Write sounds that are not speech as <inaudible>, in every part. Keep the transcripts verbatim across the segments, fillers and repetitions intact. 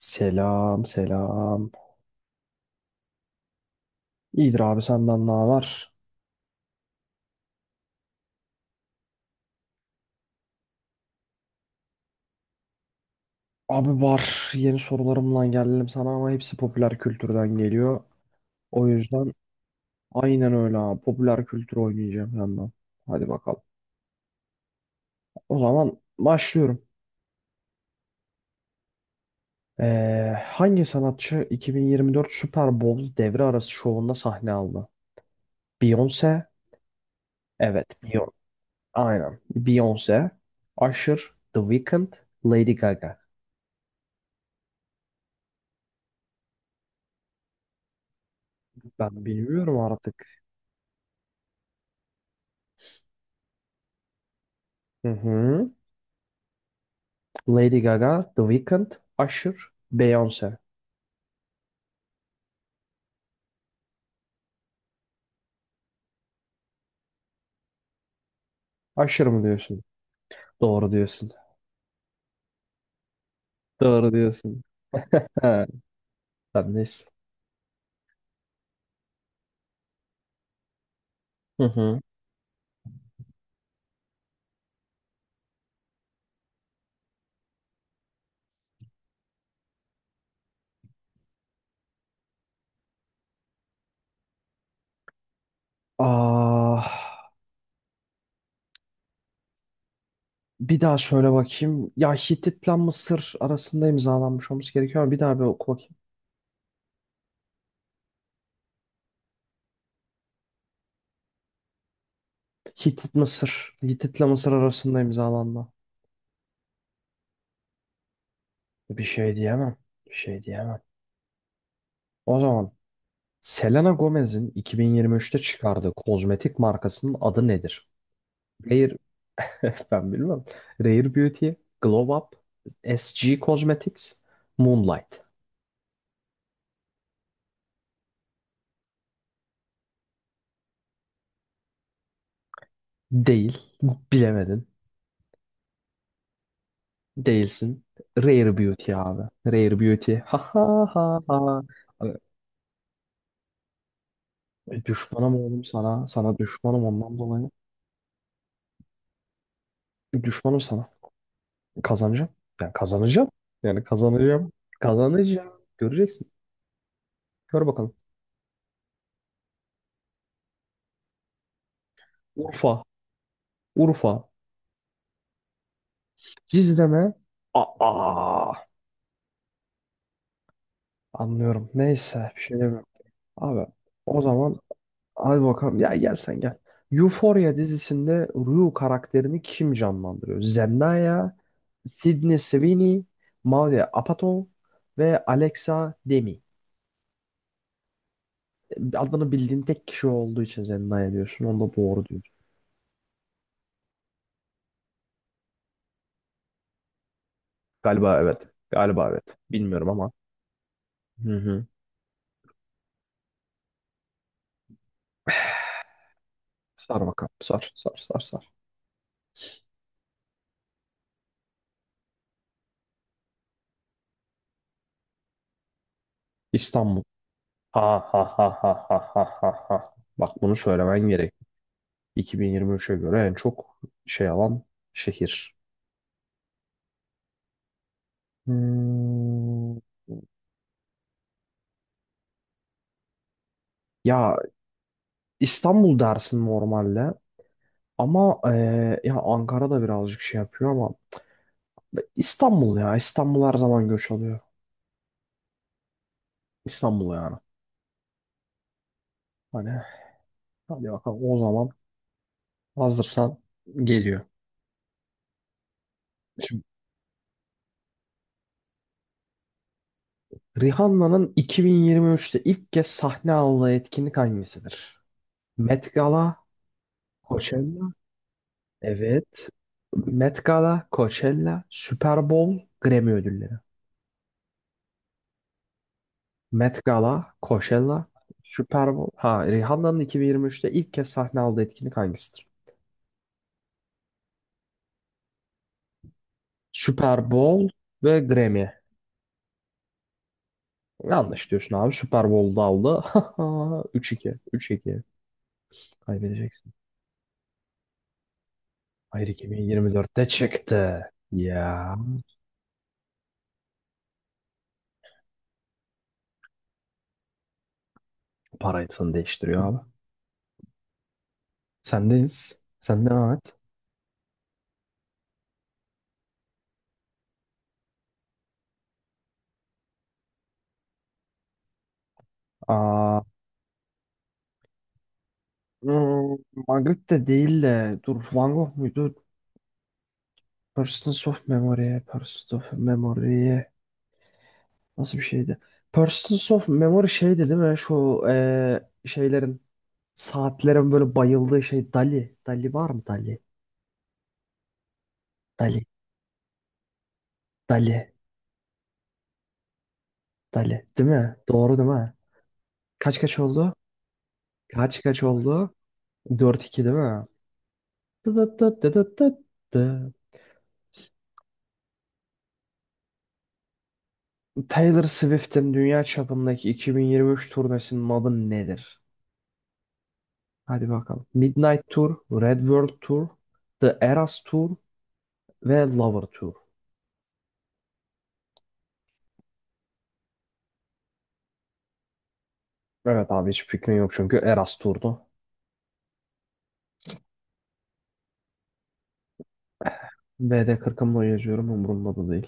Selam selam. İyidir abi senden ne var? Abi var yeni sorularımla geldim sana ama hepsi popüler kültürden geliyor. O yüzden aynen öyle abi popüler kültür oynayacağım yandan. Hadi bakalım. O zaman başlıyorum. Ee, hangi sanatçı iki bin yirmi dört Super Bowl devre arası şovunda sahne aldı? Beyoncé. Evet Beyoncé. Aynen. Beyoncé. Usher. The Weeknd. Lady Gaga. Ben bilmiyorum artık. Hı hı. Lady Gaga, The Weeknd, Usher, Beyoncé. Usher mı diyorsun? Doğru diyorsun. Doğru diyorsun. He, sen neyse. Hı hı. Ah, bir daha şöyle bakayım. Ya Hitit'le Mısır arasında imzalanmış olması gerekiyor ama bir daha bir oku bakayım. Hitit Mısır. Hitit'le Mısır arasında imzalanma. Bir şey diyemem. Bir şey diyemem. O zaman Selena Gomez'in iki bin yirmi üçte çıkardığı kozmetik markasının adı nedir? Air, ben bilmem. Rare Beauty, Glow Up, S G Cosmetics, Moonlight. Değil. Bilemedin. Değilsin. Rare Beauty abi. Rare Beauty. Ha ha ha ha. E, düşmanım oğlum sana. Sana düşmanım ondan dolayı. Düşmanım sana. Kazanacağım. Yani kazanacağım. Yani kazanacağım. Kazanacağım. Göreceksin. Gör bakalım. Urfa. Urfa. Cizreme. Aa. Anlıyorum. Neyse. Bir şey demiyorum. Abi. O zaman hadi bakalım. Ya gel sen gel. Euphoria dizisinde Rue karakterini kim canlandırıyor? Zendaya, Sydney Sweeney, Maria Apatow ve Alexa Demi. E, adını bildiğin tek kişi olduğu için Zendaya diyorsun. Onu da doğru diyorsun. Galiba evet. Galiba evet. Bilmiyorum ama. Hı hı. Sar bakalım. Sar, sar, sar, sar. İstanbul. Ha ha ha ha ha ha ha, ha. Bak bunu söylemen gerek. iki bin yirmi üçe göre en çok şey alan şehir. Hmm, Ya İstanbul dersin normalde ama eee ya Ankara da birazcık şey yapıyor ama İstanbul, ya İstanbul her zaman göç alıyor. İstanbul yani. Hani hadi bakalım o zaman hazırsan geliyor. Şimdi Rihanna'nın iki bin yirmi üçte ilk kez sahne aldığı etkinlik hangisidir? Met Gala, Coachella, evet. Met Gala, Coachella, Super Bowl, Grammy ödülleri. Met Gala, Coachella, Super Bowl. Ha, Rihanna'nın iki bin yirmi üçte ilk kez sahne aldığı etkinlik hangisidir? Super Bowl ve Grammy. Yanlış diyorsun abi. Super Bowl'da aldı. <laughs> Üç iki, üç iki. Kaybedeceksin. Hayır iki bin yirmi dörtte çıktı. Ya. Parasını değiştiriyor abi. Sendeyiz. Sen devam et. Aa, hmm, Magritte değil de dur, Van Gogh muydu? Persons of Memory. Persons of Memory. Nasıl bir şeydi? Persistence of Memory şeydi değil mi? Şu eee, şeylerin saatlerin böyle bayıldığı şey, Dali. Dali var mı, Dali? Dali. Dali. Dali. Değil mi? Doğru değil mi? Kaç kaç oldu? Kaç kaç oldu? Dört iki değil mi? Dı dı dı dı dı dı dı. Taylor Swift'in dünya çapındaki iki bin yirmi üç turnesinin adı nedir? Hadi bakalım. Midnight Tour, Red World Tour, The Eras Tour ve Lover Tour. Evet abi hiç fikrim yok çünkü Eras turdu. V D kırkımla geziyorum, umurumda da değil.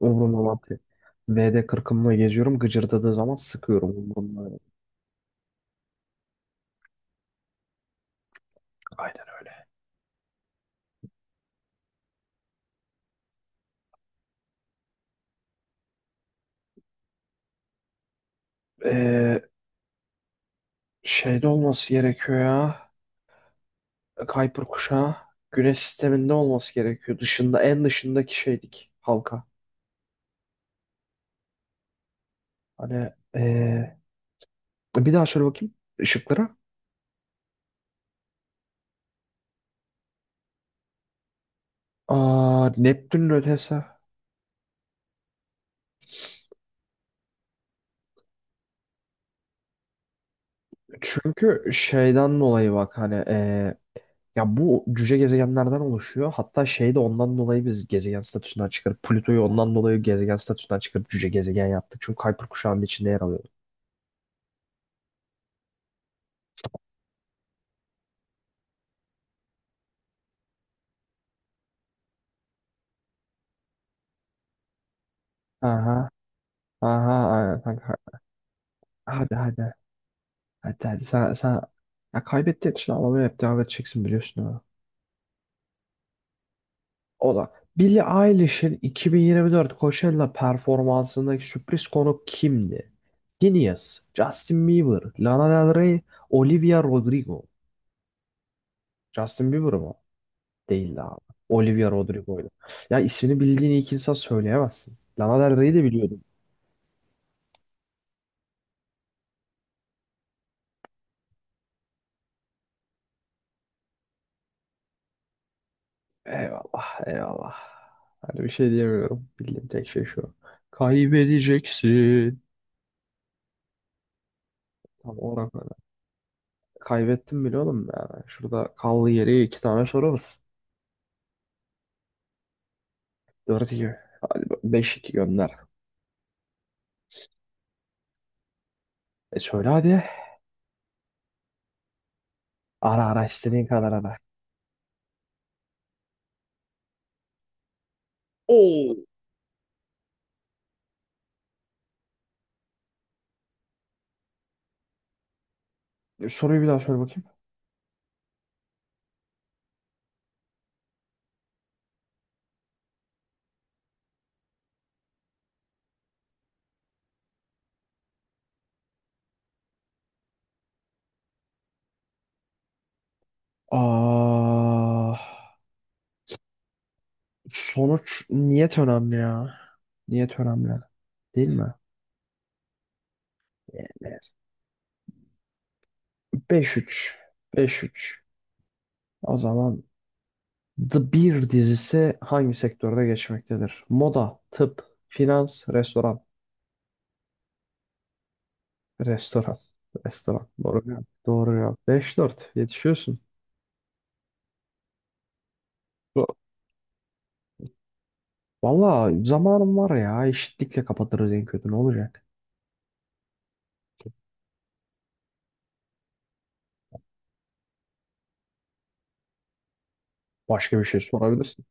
Umurumda olan değil. V D kırkımla geziyorum, gıcırdadığı zaman sıkıyorum, umurumda değil. Aynen öyle. Ee, Şeyde olması gerekiyor ya. Kuiper kuşağı. Güneş sisteminde olması gerekiyor. Dışında, en dışındaki şeydik, halka. Hani ee, bir daha şöyle bakayım ışıklara. Aa, Neptün'ün ötesi. Çünkü şeyden dolayı, bak hani ee, ya bu cüce gezegenlerden oluşuyor. Hatta şey de ondan dolayı biz gezegen statüsünden çıkarıp Plüto'yu ondan dolayı gezegen statüsünden çıkarıp cüce gezegen yaptık. Çünkü Kuiper kuşağının içinde yer alıyordu. Aha. Aha aynen kanka. Hadi hadi. Hadi hadi. Sen, sen... Ya kaybettiğin için ağlamaya hep devam edeceksin, biliyorsun ha. O da. Billie Eilish'in iki bin yirmi dört Coachella performansındaki sürpriz konuk kimdi? Phineas, Justin Bieber, Lana Del Rey, Olivia Rodrigo. Justin Bieber mı? Değildi abi. Olivia Rodrigo'ydu. Ya ismini bildiğini ilk insan söyleyemezsin. Lana Del Rey'i de biliyordum. Eyvallah, eyvallah. Hani bir şey diyemiyorum. Bildiğim tek şey şu. Kaybedeceksin. Tam olarak öyle. Kaybettim bile oğlum yani. Şurada kaldı, geriye iki tane soru var. Dört iki. Beş iki gönder. E söyle hadi. Ara ara istediğin kadar ara. Oo. Soruyu bir daha söyle bakayım. Aa, sonuç niyet önemli ya. Niyet önemli. Değil mi? Beş üç, beş üç. O zaman The Bear dizisi hangi sektörde geçmektedir? Moda, tıp, finans, restoran. Restoran. Restoran. Doğru ya. Doğru ya. beş dört. Yetişiyorsun. Do- Valla zamanım var ya. Eşitlikle kapatırız en kötü. Ne olacak? Başka bir şey sorabilirsin.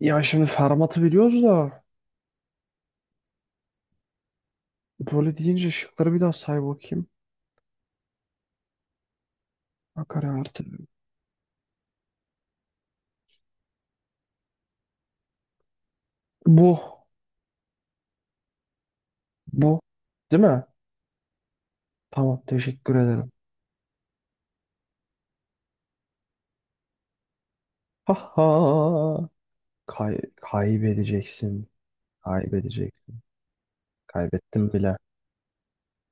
Ya şimdi Fermat'ı biliyoruz da böyle deyince şıkları bir daha say bakayım. Bakar artık. Bu. Bu. Değil mi? Tamam. Teşekkür ederim. Ha ha. Kay kaybedeceksin. Kaybedeceksin. Kaybettim bile.